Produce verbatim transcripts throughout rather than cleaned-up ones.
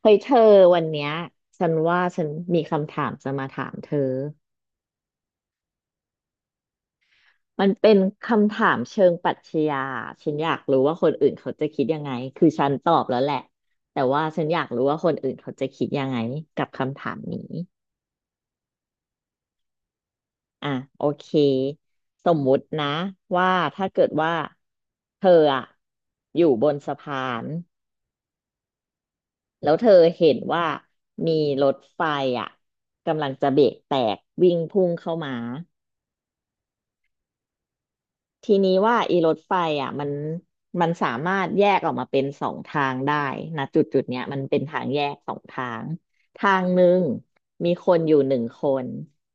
เฮ้ยเธอวันเนี้ยฉันว่าฉันมีคำถามจะมาถามเธอมันเป็นคำถามเชิงปรัชญาฉันอยากรู้ว่าคนอื่นเขาจะคิดยังไงคือฉันตอบแล้วแหละแต่ว่าฉันอยากรู้ว่าคนอื่นเขาจะคิดยังไงกับคำถามนี้อ่ะโอเคสมมุตินะว่าถ้าเกิดว่าเธออะอยู่บนสะพานแล้วเธอเห็นว่ามีรถไฟอะกำลังจะเบรกแตกวิ่งพุ่งเข้ามา ทีนี้ว่าอีรถไฟอ่ะมันมันสามารถแยกออกมาเป็นสองทางได้นะจุดจุดเนี้ยมันเป็นทางแยกสองทางทางหนึ่งมีคนอยู่หนึ่งคน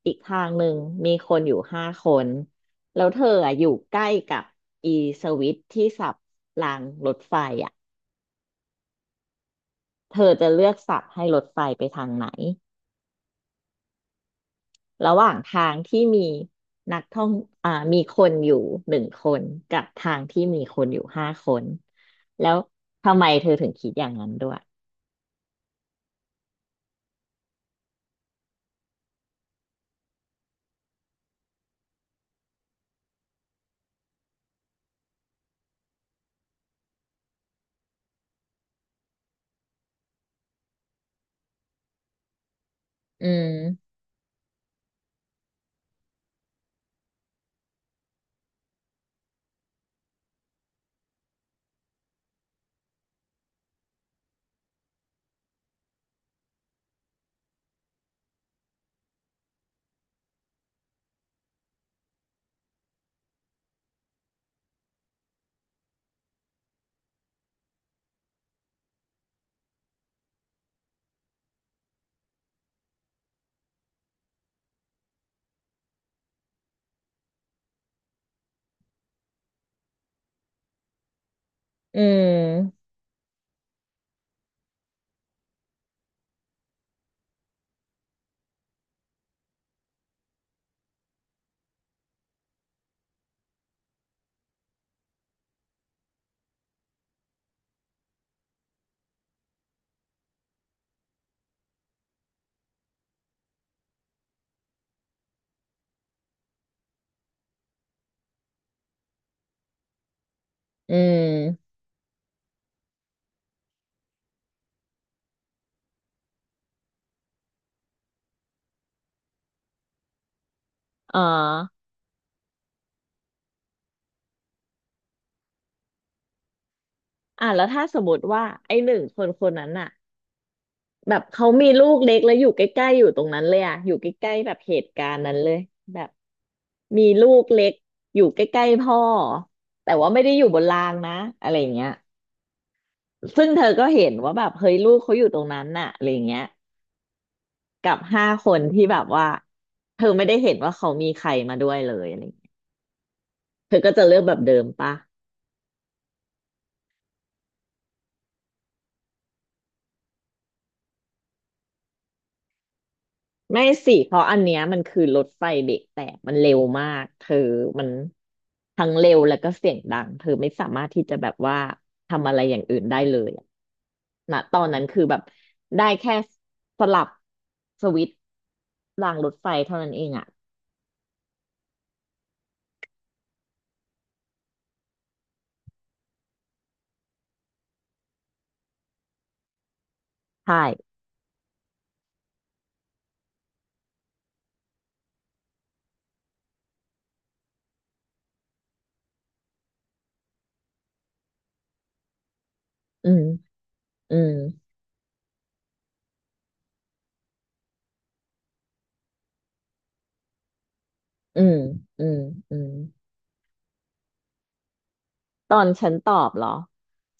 อีกทางหนึ่งมีคนอยู่ห้าคนแล้วเธออ่ะอยู่ใกล้กับอีสวิตช์ที่สับรางรถไฟอ่ะเธอจะเลือกสับให้รถไฟไปทางไหน ระหว่างทางที่มีนักท่องอ่ามีคนอยู่หนึ่งคนกับทางที่มีคนอยู่ห้าคนแล้วทำไมเธอถึงคิดอย่างนั้นด้วยอืมอืมอืมอ๋ออ่ะแล้วถ้าสมมติว่าไอ้หนึ่งคนคนนั้นอะแบบเขามีลูกเล็กแล้วอยู่ใกล้ๆอยู่ตรงนั้นเลยอะอยู่ใกล้ๆแบบเหตุการณ์นั้นเลยแบบมีลูกเล็กอยู่ใกล้ๆพ่อแต่ว่าไม่ได้อยู่บนรางนะอะไรอย่างเงี้ย ซึ่งเธอก็เห็นว่าแบบเฮ้ยลูกเขาอยู่ตรงนั้นน่ะอะไรอย่างเงี้ยกับห้าคนที่แบบว่าเธอไม่ได้เห็นว่าเขามีใครมาด้วยเลยอะไรอย่างเงี้ยเธอก็จะเลือกแบบเดิมปะไม่สิเพราะอันเนี้ยมันคือรถไฟเบรกแตกมันเร็วมากเธอมันทั้งเร็วแล้วก็เสียงดังเธอไม่สามารถที่จะแบบว่าทำอะไรอย่างอื่นได้เลยอะณตอนนั้นคือแบบได้แค่สลับสวิตช์รางรถไฟเท่านั้นเองอ่ะใช่อืมอืม อืมอืมอืมตอนฉันตอบเหรอ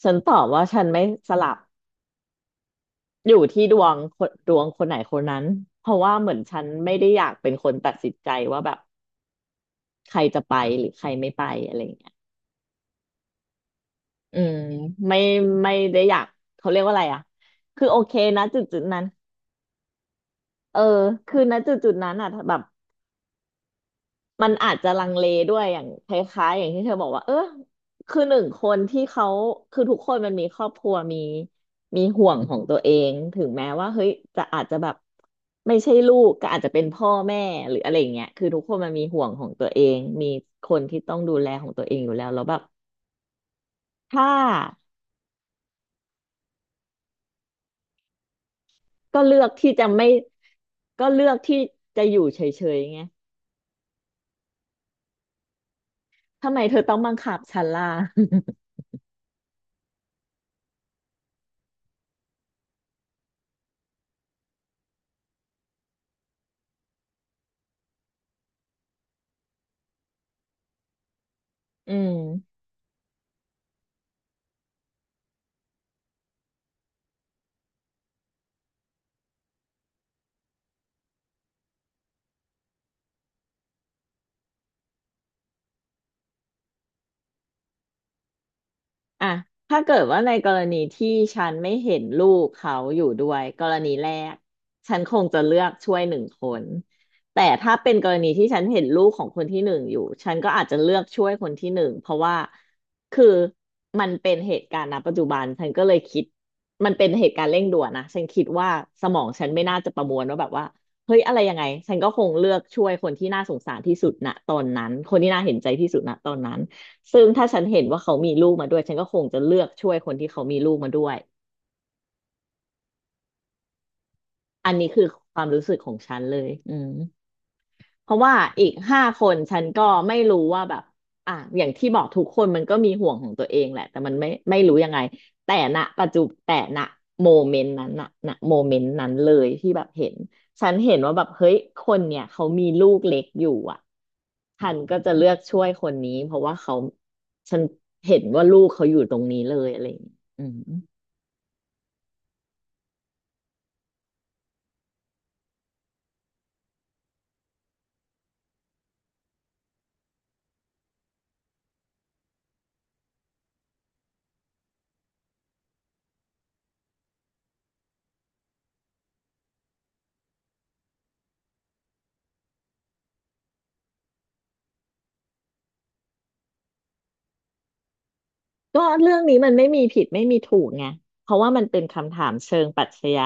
ฉันตอบว่าฉันไม่สลับอยู่ที่ดวงคนดวงคนไหนคนนั้นเพราะว่าเหมือนฉันไม่ได้อยากเป็นคนตัดสินใจว่าแบบใครจะไปหรือใครไม่ไปอะไรอย่างเงี้ยอืมไม่ไม่ได้อยากเขาเรียกว่าอะไรอ่ะคือโอเคนะจุดจุดนั้นเออคือณจุดจุดนั้นอ่ะแบบ มันอาจจะลังเลด้วยอย่างคล้ายๆอย่างที่เธอบอกว่าเออคือหนึ่งคนที่เขาคือทุกคนมันมีครอบครัวมีมีห่วงของตัวเองถึงแม้ว่าเฮ้ยจะอาจจะแบบไม่ใช่ลูกก็อาจจะเป็นพ่อแม่หรืออะไรอย่างเงี้ยคือทุกคนมันมีห่วงของตัวเองมีคนที่ต้องดูแลของตัวเองอยู่แล้วแล้วแบบถ้าก็เลือกที่จะไม่ก็เลือกที่จะอยู่เฉยๆไงทำไมเธอต้องบังคับฉันล่ะ อืม อ่ะถ้าเกิดว่าในกรณีที่ฉันไม่เห็นลูกเขาอยู่ด้วยกรณีแรกฉันคงจะเลือกช่วยหนึ่งคนแต่ถ้าเป็นกรณีที่ฉันเห็นลูกของคนที่หนึ่งอยู่ ฉันก็อาจจะเลือกช่วยคนที่หนึ่ง เพราะว่าคือมันเป็นเหตุการณ์ณปัจจุบันฉันก็เลยคิดมันเป็นเหตุการณ์เร่งด่วนนะฉันคิดว่าสมองฉันไม่น่าจะประมวลว่าแบบว่าเฮ้ยอะไรยังไงฉันก็คงเลือกช่วยคนที่น่าสงสารที่สุดณตอนนั้นคนที่น่าเห็นใจที่สุดณตอนนั้น ซึ่งถ้าฉันเห็นว่าเขามีลูกมาด้วยฉันก็คงจะเลือกช่วยคนที่เขามีลูกมาด้วยอันนี้คือความรู้สึกของฉันเลยอืม เพราะว่าอีกห้าคนฉันก็ไม่รู้ว่าแบบอ่ะอย่างที่บอกทุกคนมันก็มีห่วงของตัวเองแหละแต่มันไม่ไม่รู้ยังไงแต่ณปัจจุแต่ณโมเมนต์นั้นน่ะณโมเมนต์นั้นเลยที่แบบเห็นฉันเห็นว่าแบบเฮ้ยคนเนี่ยเขามีลูกเล็กอยู่อ่ะฉันก็จะเลือกช่วยคนนี้เพราะว่าเขาฉันเห็นว่าลูกเขาอยู่ตรงนี้เลยอะไรอย่างเงี้ยอืมก็เรื่องนี้มันไม่มีผิดไม่มีถูกไงเพราะว่ามันเป็นคำถามเชิงปรัชญา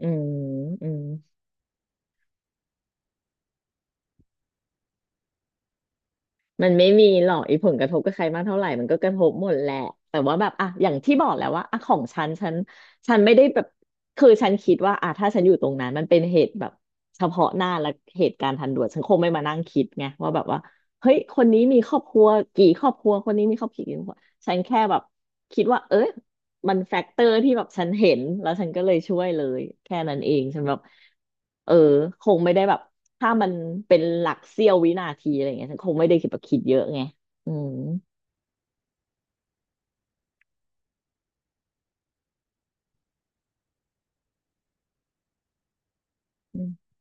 อืมอืม มันไม่มีหรอกไอ้ผลกระทบกับใครมากเท่าไหร่มันก็กระทบหมดแหละแต่ว่าแบบอ่ะอย่างที่บอกแหล้วว่าอ่ะของฉันฉันฉันไม่ได้แบบคือฉันคิดว่าอ่ะถ้าฉันอยู่ตรงนั้นมันเป็นเหตุแบบเฉพาะหน้าและเหตุการณ์ทันด่วนฉันคงไม่มานั่งคิดไงว่าแบบว่าเฮ้ยคนนี้มีครอบครัวกี่ครอบครัวคนนี้มีครอบครัวกี่ครอบครัวฉันแค่แบบคิดว่าเอ้ยมันแฟกเตอร์ที่แบบฉันเห็นแล้วฉันก็เลยช่วยเลยแค่นั้นเองฉันแบบเออคงไม่ได้แบบ ถ้ามันเป็นหลักเสี้ยววินาทีอะไรเงี้ยฉันคงไม่ได้คิดแบบคิดเยอะไงอืมอ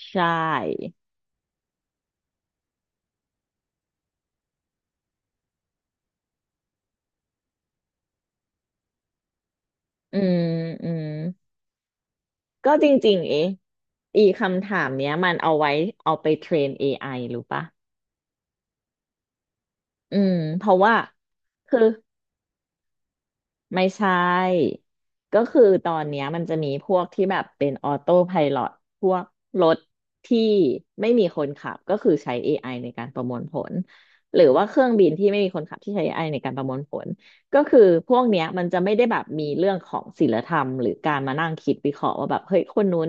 ใช่อืมอืมก็จริงๆเอะอีคำถามเนี้ยมันเอาไว้เอาไปเทรน เอ ไอ รู้ปะอืมเพราะว่าคือ ไม่ใช่ ก็คือตอนเนี้ยมันจะมีพวกที่แบบเป็นออโต้ไพลอตพวกรถที่ไม่มีคนขับก็คือใช้ เอ ไอ ในการประมวลผลหรือว่าเครื่องบินที่ไม่มีคนขับที่ใช้ เอ ไอ ในการประมวลผลก็คือพวกเนี้ยมันจะไม่ได้แบบมีเรื่องของศีลธรรมหรือการมานั่งคิดวิเคราะห์ว่าแบบเฮ้ยคนนู้น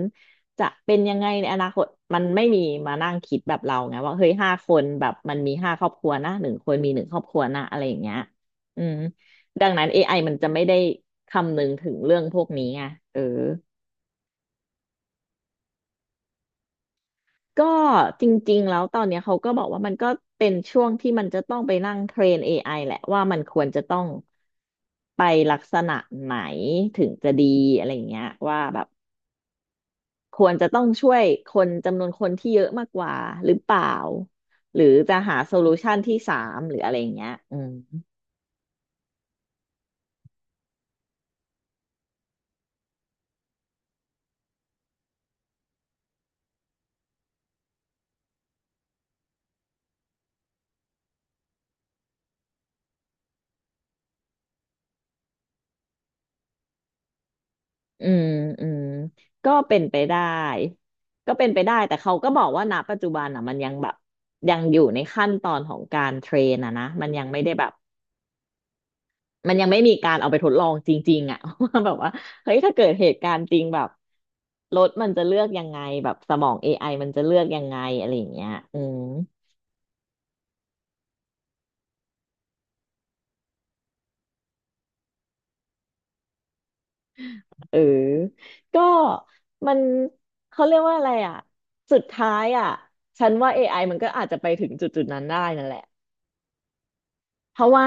จะเป็นยังไงในอนาคตมันไม่มีมานั่งคิดแบบเราไงว่าเฮ้ยห้าคนแบบมันมีห้าครอบครัวนะหนึ่งคนมีหนึ่งครอบครัวนะอะไรอย่างเงี้ยอืม ดังนั้น เอ ไอ มันจะไม่ได้คำนึงถึงเรื่องพวกนี้ไงเออ ก็จริงๆแล้วตอนเนี้ยเขาก็บอกว่ามันก็เป็นช่วงที่มันจะต้องไปนั่งเทรน เอ ไอ แหละว่ามันควรจะต้องไปลักษณะไหนถึงจะดีอะไรอย่างเงี้ยว่าแบบควรจะต้องช่วยคนจำนวนคนที่เยอะมากกว่าหรือเปล่าหรือจะหาโซลูชันที่สามหรืออะไรอย่างเงี้ยอืม อืมอืมก็เป็นไปได้ก็เป็นไปได้แต่เขาก็บอกว่าณปัจจุบันอ่ะมันยังแบบยังอยู่ในขั้นตอนของการเทรนอ่ะนะมันยังไม่ได้แบบมันยังไม่มีการเอาไปทดลองจริงๆอ่ะ ว่าแบบว่าเฮ้ยถ้าเกิดเหตุการณ์จริงแบบรถมันจะเลือกยังไงแบบสมองเอไอมันจะเลือกยังไงอะไรอย่างเงี้ยอืมเออก็มันเขาเรียกว่าอะไรอ่ะสุดท้ายอ่ะฉันว่า เอ ไอ มันก็อาจจะไปถึงจุดๆนั้นได้นั่นแหละเพราะว่า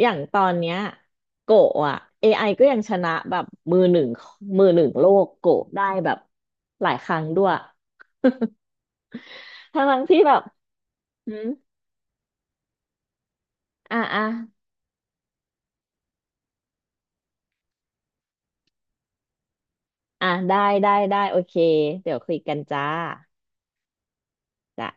อย่างตอนเนี้ยโกะอ่ะ เอ ไอ ก็ยังชนะแบบมือหนึ่งมือหนึ่งโลกโกะได้แบบหลายครั้งด้วย ทั้งทั้งที่แบบหืมอ่ะอ่ะอ่ะได้ ได้ ได้ โอเค เดี๋ยวคุยกันจ้าจ้ะ